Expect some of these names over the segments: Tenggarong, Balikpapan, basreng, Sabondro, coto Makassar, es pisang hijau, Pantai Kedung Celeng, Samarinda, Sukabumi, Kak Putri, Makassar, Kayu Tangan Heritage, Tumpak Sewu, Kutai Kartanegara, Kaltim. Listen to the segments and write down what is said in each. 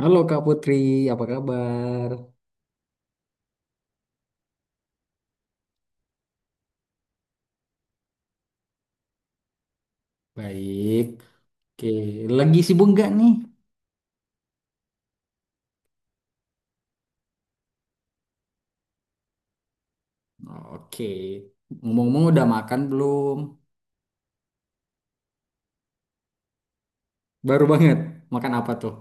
Halo Kak Putri, apa kabar? Baik. Oke, lagi sibuk nggak nih? Oke. Ngomong-ngomong udah makan belum? Baru banget. Makan apa tuh?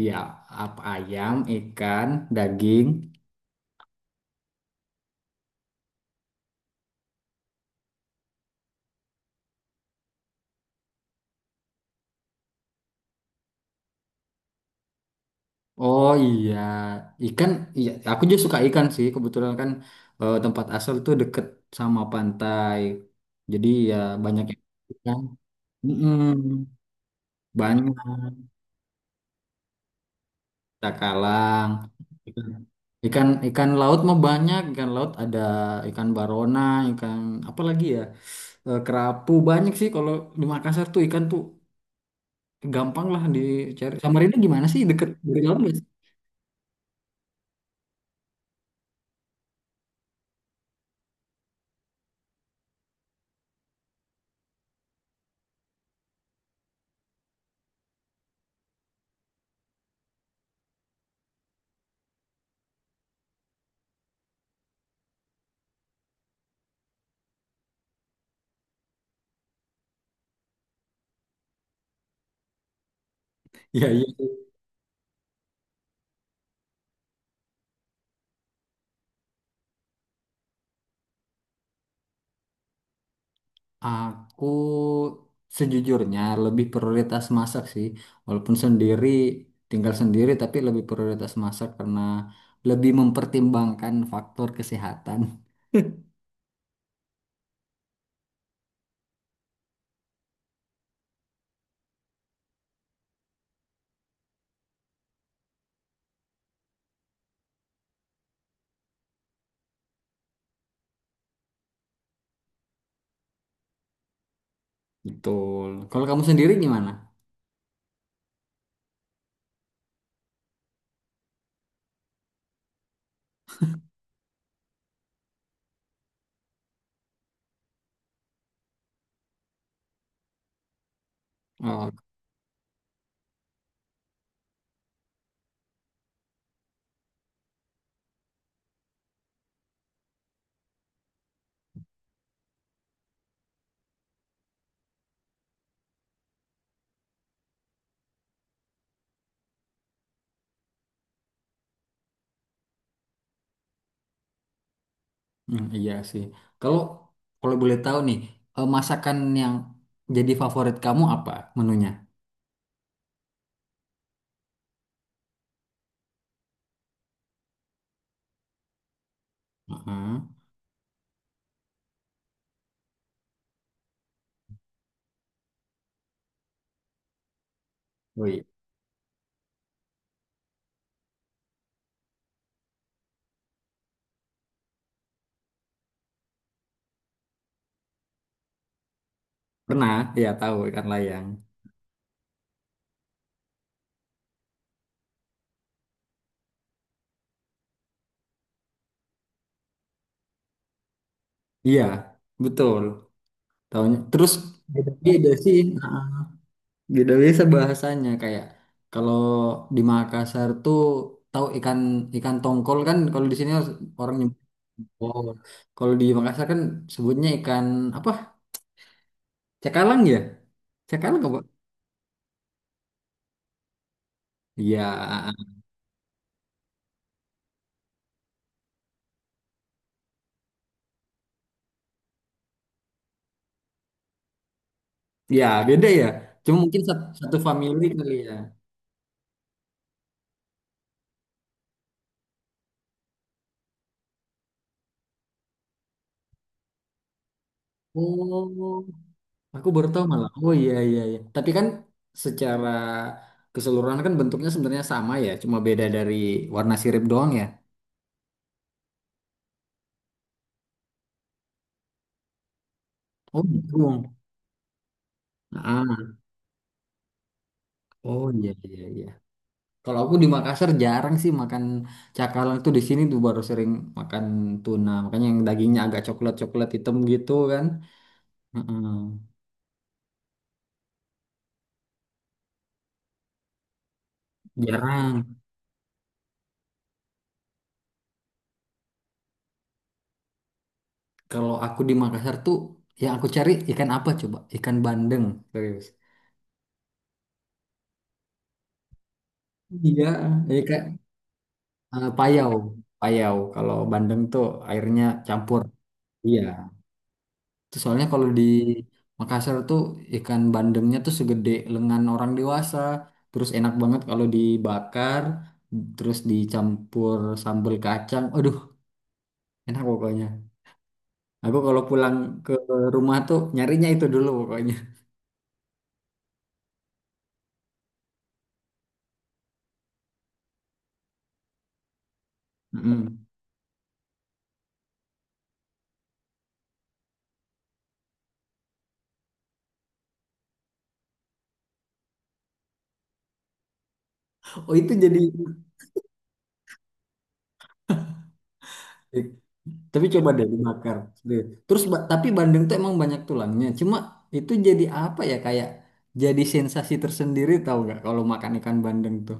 Iya, apa ayam, ikan, daging. Oh iya, ikan. Iya, aku juga suka ikan sih. Kebetulan kan tempat asal tuh deket sama pantai. Jadi ya banyak yang ikan. Mm-mm, banyak. Cakalang. Ikan ikan laut mah banyak, ikan laut ada ikan barona, ikan apa lagi ya? Kerapu banyak sih kalau di Makassar tuh ikan tuh gampang lah dicari. Samarinda gimana sih deket dari laut nggak sih? Iya iya. Aku sejujurnya lebih prioritas masak sih, walaupun sendiri tinggal sendiri tapi lebih prioritas masak karena lebih mempertimbangkan faktor kesehatan. Betul. Kalau kamu sendiri gimana? Hmm, iya sih. Kalau kalau boleh tahu nih, masakan yang jadi favorit kamu apa menunya? Heeh. Oh iya pernah ya tahu ikan layang. Iya, betul. Tahunya. Terus beda-beda sih. Heeh. Beda biasa bahasanya kayak kalau di Makassar tuh tahu ikan ikan tongkol kan kalau di sini orang nyebut tongkol. Kalau di Makassar kan sebutnya ikan apa? Cakalang ya? Cakalang apa? Iya, Ya, beda ya. Cuma mungkin satu family kali ya. Oh, aku baru tahu malah. Oh iya iya iya. Tapi kan secara keseluruhan kan bentuknya sebenarnya sama ya, cuma beda dari warna sirip doang ya. Oh, gitu. Ah, oh iya iya iya. Kalau aku di Makassar jarang sih makan cakalang itu di sini tuh baru sering makan tuna. Makanya yang dagingnya agak coklat-coklat hitam gitu kan. Heeh. Jarang. Kalau aku di Makassar tuh yang aku cari ikan apa coba? Ikan bandeng, serius. Iya, ikan payau. Payau kalau bandeng tuh airnya campur. Iya. Itu soalnya kalau di Makassar tuh ikan bandengnya tuh segede lengan orang dewasa. Terus enak banget kalau dibakar, terus dicampur sambal kacang. Aduh, enak pokoknya. Aku kalau pulang ke rumah tuh nyarinya itu dulu pokoknya. Mm. Oh, itu jadi. Tapi coba deh dibakar. Deh. Terus tapi bandeng tuh emang banyak tulangnya. Cuma itu jadi apa ya kayak jadi sensasi tersendiri tahu nggak kalau makan ikan bandeng tuh.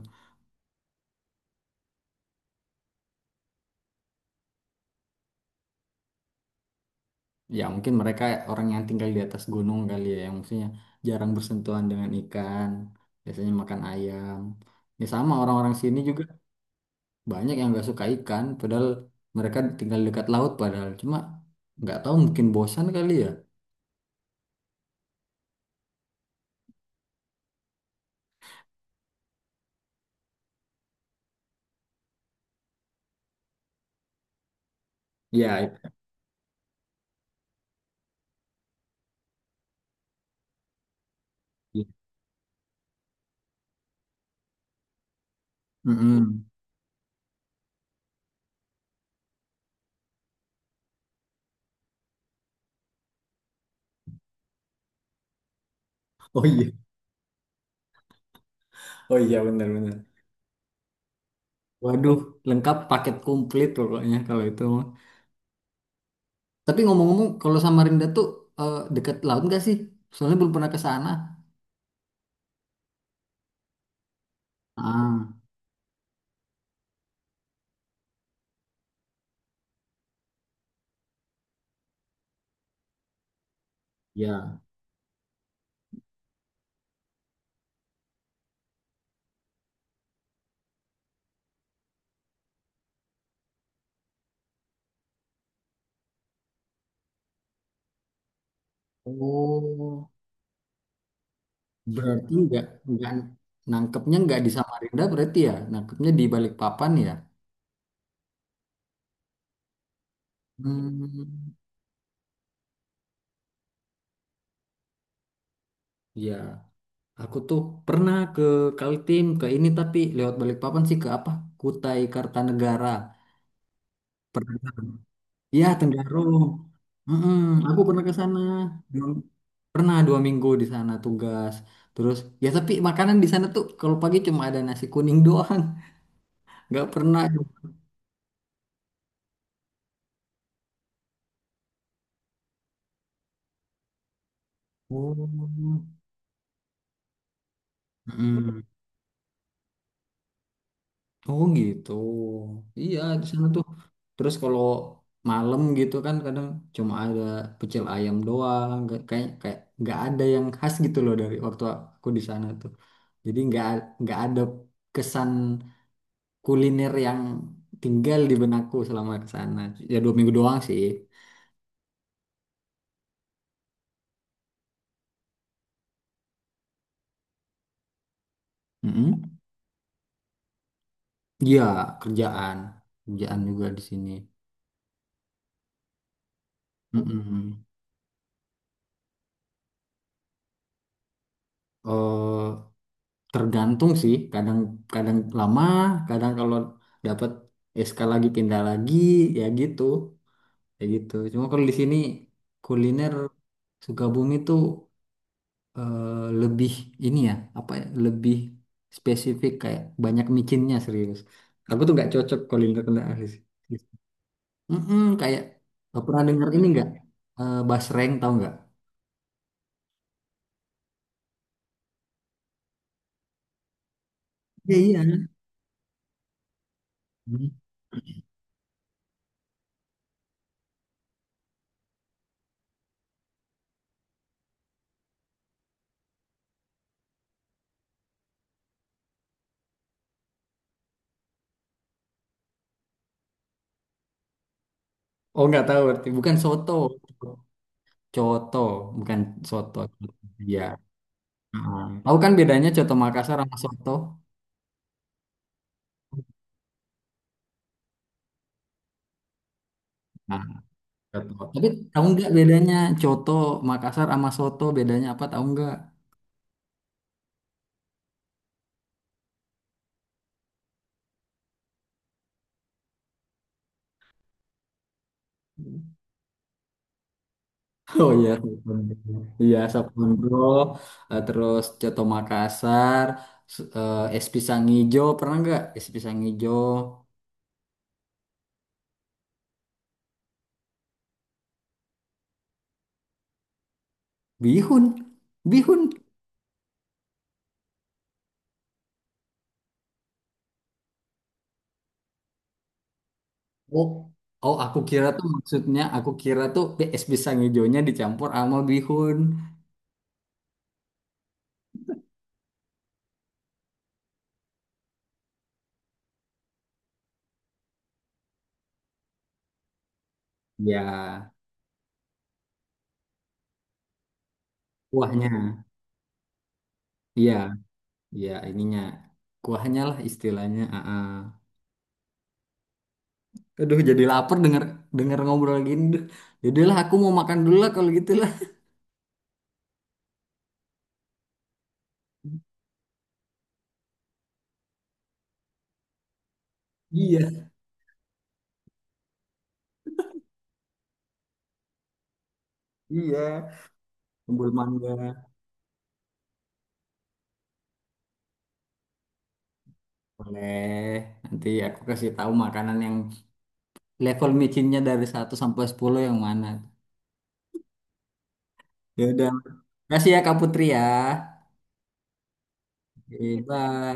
Ya mungkin mereka orang yang tinggal di atas gunung kali ya, yang maksudnya jarang bersentuhan dengan ikan. Biasanya makan ayam. Ya sama orang-orang sini juga banyak yang nggak suka ikan, padahal mereka tinggal dekat laut padahal. Cuma nggak tahu mungkin bosan kali ya. Ya. Itu. Mm-mm. Oh iya, oh iya benar-benar. Waduh, lengkap paket komplit pokoknya kalau itu mah. Tapi ngomong-ngomong, kalau Samarinda tuh dekat laut nggak sih? Soalnya belum pernah ke sana. Ah, ya. Oh, berarti nggak nangkepnya nggak di Samarinda berarti ya? Nangkepnya di Balikpapan ya? Hmm, ya. Aku tuh pernah ke Kaltim ke ini tapi lewat Balikpapan sih ke apa? Kutai Kartanegara. Pernah. Iya, Tenggarong. Mm-mm, aku pernah ke sana. Pernah 2 minggu di sana tugas. Terus ya tapi makanan di sana tuh kalau pagi cuma ada nasi kuning doang. Nggak pernah. Oh. Mm. Oh gitu. Iya di sana tuh. Terus kalau malam gitu kan kadang cuma ada pecel ayam doang. Kayak kayak nggak ada yang khas gitu loh dari waktu aku di sana tuh. Jadi nggak ada kesan kuliner yang tinggal di benakku selama ke sana. Ya 2 minggu doang sih. Mm-mm. Iya, kerjaan, kerjaan juga di sini. Mm-mm. Eh, Tergantung sih, kadang-kadang lama, kadang kalau dapat SK lagi pindah lagi, ya gitu, ya gitu. Cuma kalau di sini kuliner Sukabumi tuh eh, lebih ini ya, apa ya, lebih spesifik kayak banyak micinnya serius. Aku tuh nggak cocok kuliner kuliner di sini. Mm-mm, kayak pernah dengar ini nggak? Eh, basreng tahu nggak? Iya, iya. Hmm. Oh nggak tahu berarti bukan soto, coto bukan soto. Iya. Ah. Tahu kan bedanya coto Makassar sama soto? Nah, coto. Tapi tahu nggak bedanya coto Makassar sama soto bedanya apa tahu nggak? Oh iya, Sabondro. Iya Sabondro, terus coto Makassar, es pisang hijau pernah nggak? Es pisang hijau, bihun, bihun. Oh, oh aku kira tuh maksudnya aku kira tuh es pisang hijaunya dicampur sama bihun. Ya, kuahnya. Iya, iya ininya. Kuahnya lah istilahnya. Heeh. Aduh, jadi lapar denger denger ngobrol gini. Duh, yaudahlah aku mau makan dulu lah kalau gitu lah. Iya, iya. Sambal mangga. Boleh. Nanti aku kasih tahu makanan yang level micinnya dari 1 sampai 10 yang mana. Ya udah. Kasih ya Kak Putri ya. Oke, Bye.